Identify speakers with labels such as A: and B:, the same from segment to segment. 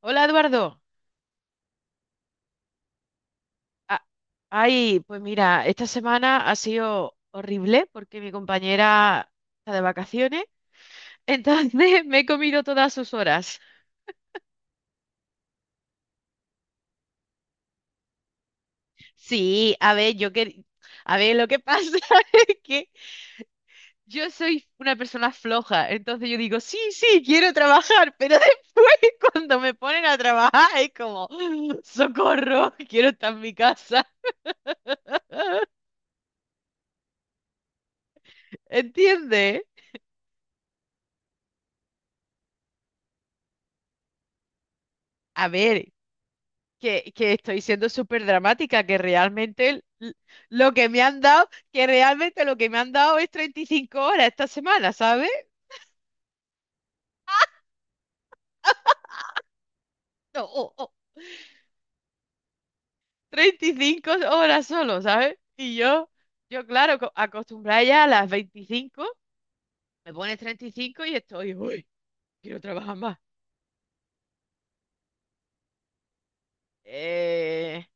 A: Hola Eduardo. Ah, ay, pues mira, esta semana ha sido horrible porque mi compañera está de vacaciones, entonces me he comido todas sus horas. Sí, a ver, yo que... A ver, lo que pasa es que yo soy una persona floja, entonces yo digo, sí, sí, quiero trabajar, pero después cuando me ponen a trabajar es como, "Ah, socorro, quiero estar en mi casa", ¿entiendes? A ver, que estoy siendo súper dramática, que realmente lo que me han dado, que realmente lo que me han dado es 35 horas esta semana, ¿sabes? No, o 35 horas solo, ¿sabes? Y yo, claro, acostumbrada ya a las 25, me pones 35 y cinco y estoy, uy, quiero trabajar más. Eh,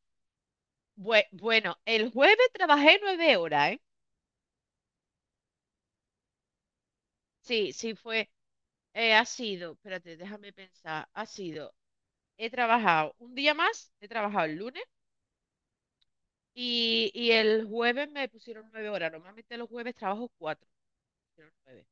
A: bueno, el jueves trabajé 9 horas, ¿eh? Sí, sí fue, ha sido, espérate, déjame pensar, ha sido, he trabajado un día más, he trabajado el lunes. Y el jueves me pusieron 9 horas. Normalmente los jueves trabajo cuatro. Me pusieron nueve.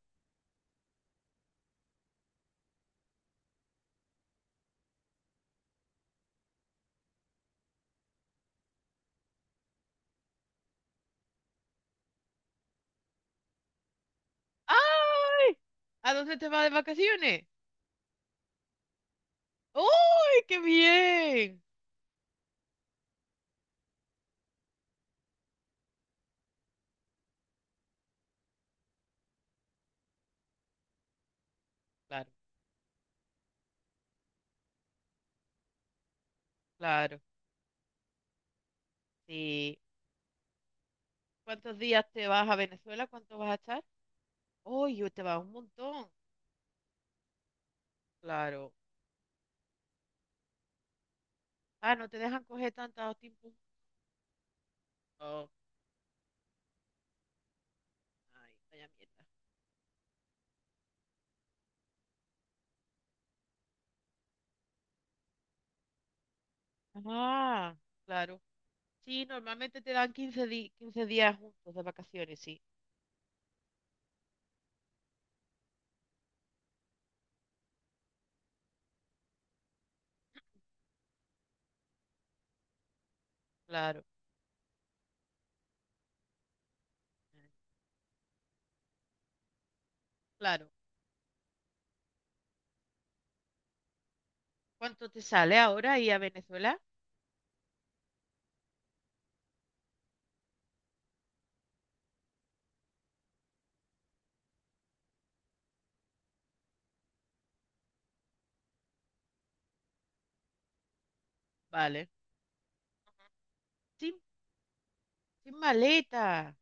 A: ¡Ay! ¿A dónde te vas de vacaciones? ¡Uy, qué bien! Claro, claro. Sí. ¿Cuántos días te vas a Venezuela? ¿Cuánto vas a estar? ¡Uy, te vas un montón! Claro. Ah, no te dejan coger tanto tiempo. Oh, ay, vaya mierda. Ah, claro. Sí, normalmente te dan 15 días juntos de vacaciones, sí. Claro, claro. ¿Cuánto te sale ahora ir a Venezuela? Vale. Sin, sin maleta.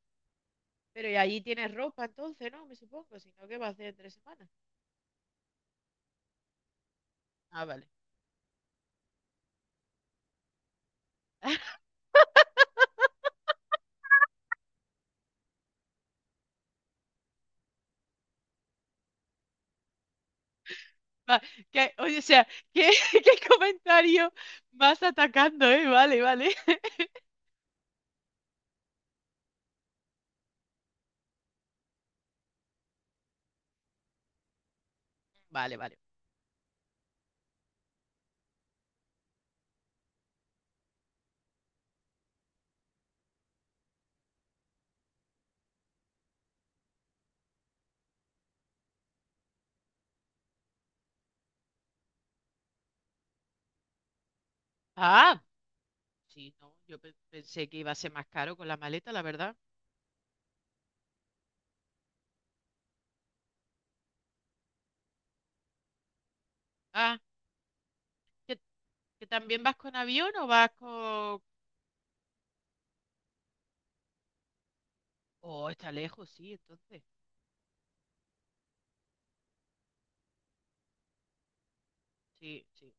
A: Pero y allí tienes ropa entonces, ¿no? Me supongo. Si no, ¿qué vas a hacer en 3 semanas? Ah, vale. Va- oye, o sea, ¿qué, qué comentario más atacando, eh? Vale, vale. Vale, vale. Ah, sí, no. Yo pensé que iba a ser más caro con la maleta, la verdad. Ah, ¿que, que también vas con avión o vas con...? Oh, está lejos, sí, entonces. Sí, sí.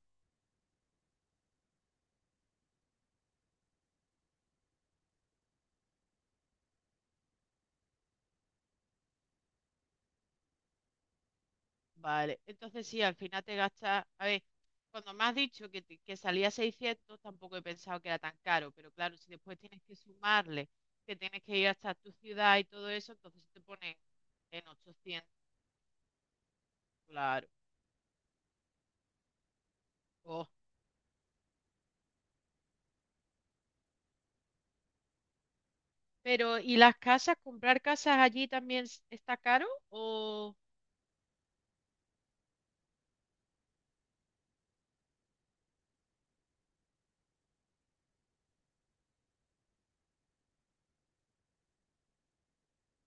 A: Vale, entonces sí, al final te gastas, a ver, cuando me has dicho que, que salía 600 tampoco he pensado que era tan caro, pero claro, si después tienes que sumarle, que tienes que ir hasta tu ciudad y todo eso, entonces te pone en ochocientos. Claro. Oh. Pero, ¿y las casas? ¿Comprar casas allí también está caro? O...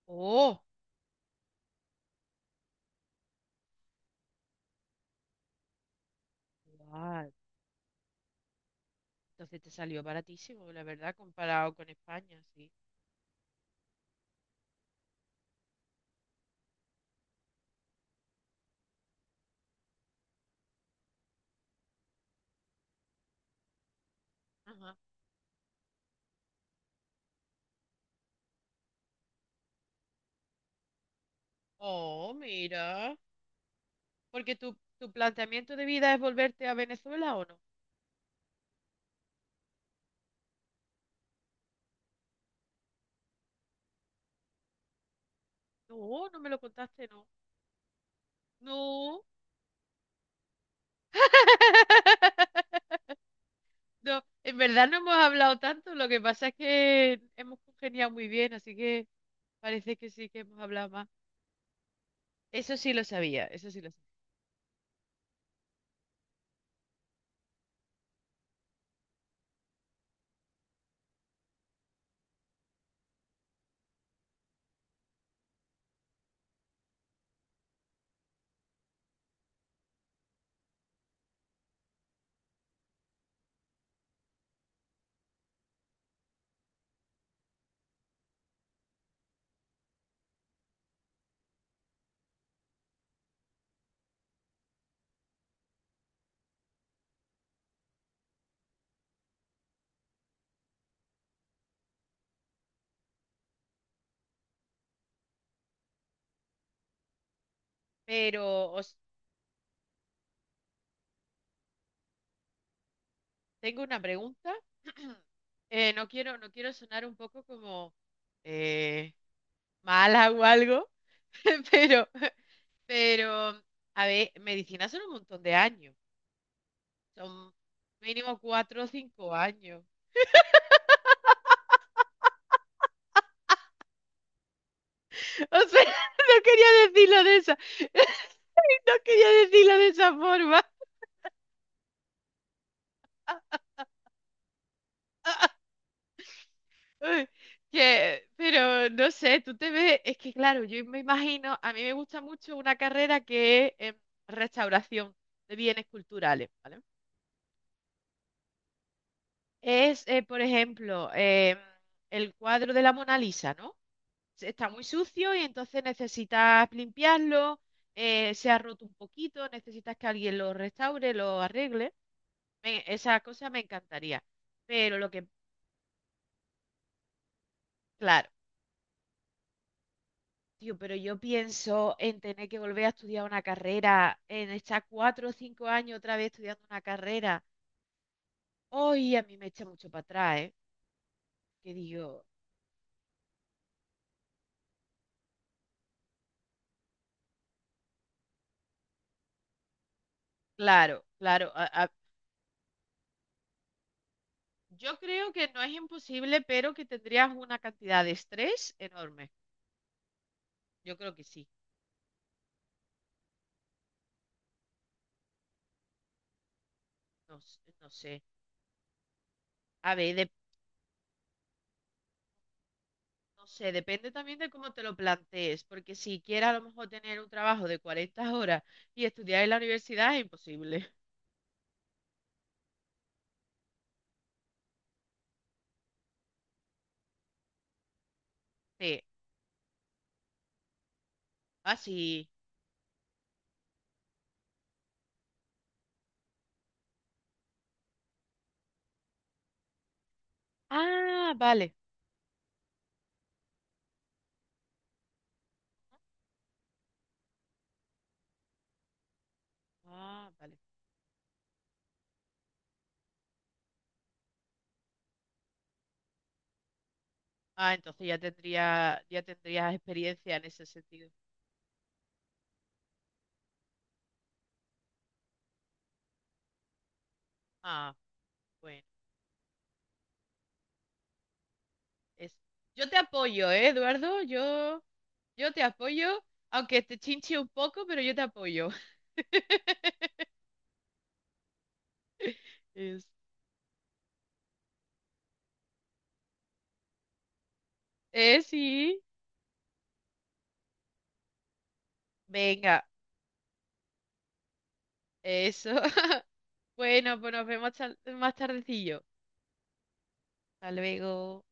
A: Oh, guau. Entonces te salió baratísimo, la verdad, comparado con España, sí. Ajá. Oh, mira. Porque tu, planteamiento de vida es volverte a Venezuela o no. No, no me lo contaste, no. No. No, en verdad no hemos hablado tanto, lo que pasa es que hemos congeniado muy bien, así que parece que sí que hemos hablado más. Eso sí lo sabía, eso sí lo sabía. Pero os tengo una pregunta. No quiero, no quiero sonar un poco como eh, mala o algo, pero, pero, a ver, medicina son un montón de años. Son mínimo 4 o 5 años. O sea, no quería decirlo de esa, no quería decirlo de esa forma. Uy. Que, pero no sé, tú te ves, es que claro, yo me imagino, a mí me gusta mucho una carrera que es restauración de bienes culturales, ¿vale? Es, por ejemplo, el cuadro de la Mona Lisa, ¿no? Está muy sucio y entonces necesitas limpiarlo, se ha roto un poquito, necesitas que alguien lo restaure, lo arregle. Esa cosa me encantaría. Pero lo que, claro, tío, pero yo pienso en tener que volver a estudiar una carrera, en estar 4 o 5 años otra vez estudiando una carrera. Hoy a mí me echa mucho para atrás, ¿eh? Que digo, claro, claro. Yo creo que no es imposible, pero que tendrías una cantidad de estrés enorme. Yo creo que sí. No, no sé. A ver, no sé, depende también de cómo te lo plantees, porque si quieres a lo mejor tener un trabajo de 40 horas y estudiar en la universidad es imposible. Sí. Ah, sí. Ah, vale. Ah, vale. Ah, entonces ya tendría, ya tendrías experiencia en ese sentido. Ah, bueno. Es... Yo te apoyo, ¿eh, Eduardo? Yo, te apoyo, aunque te chinche un poco, pero yo te apoyo. Es... Sí. Venga, eso. Bueno, pues nos vemos más tardecillo. Hasta luego.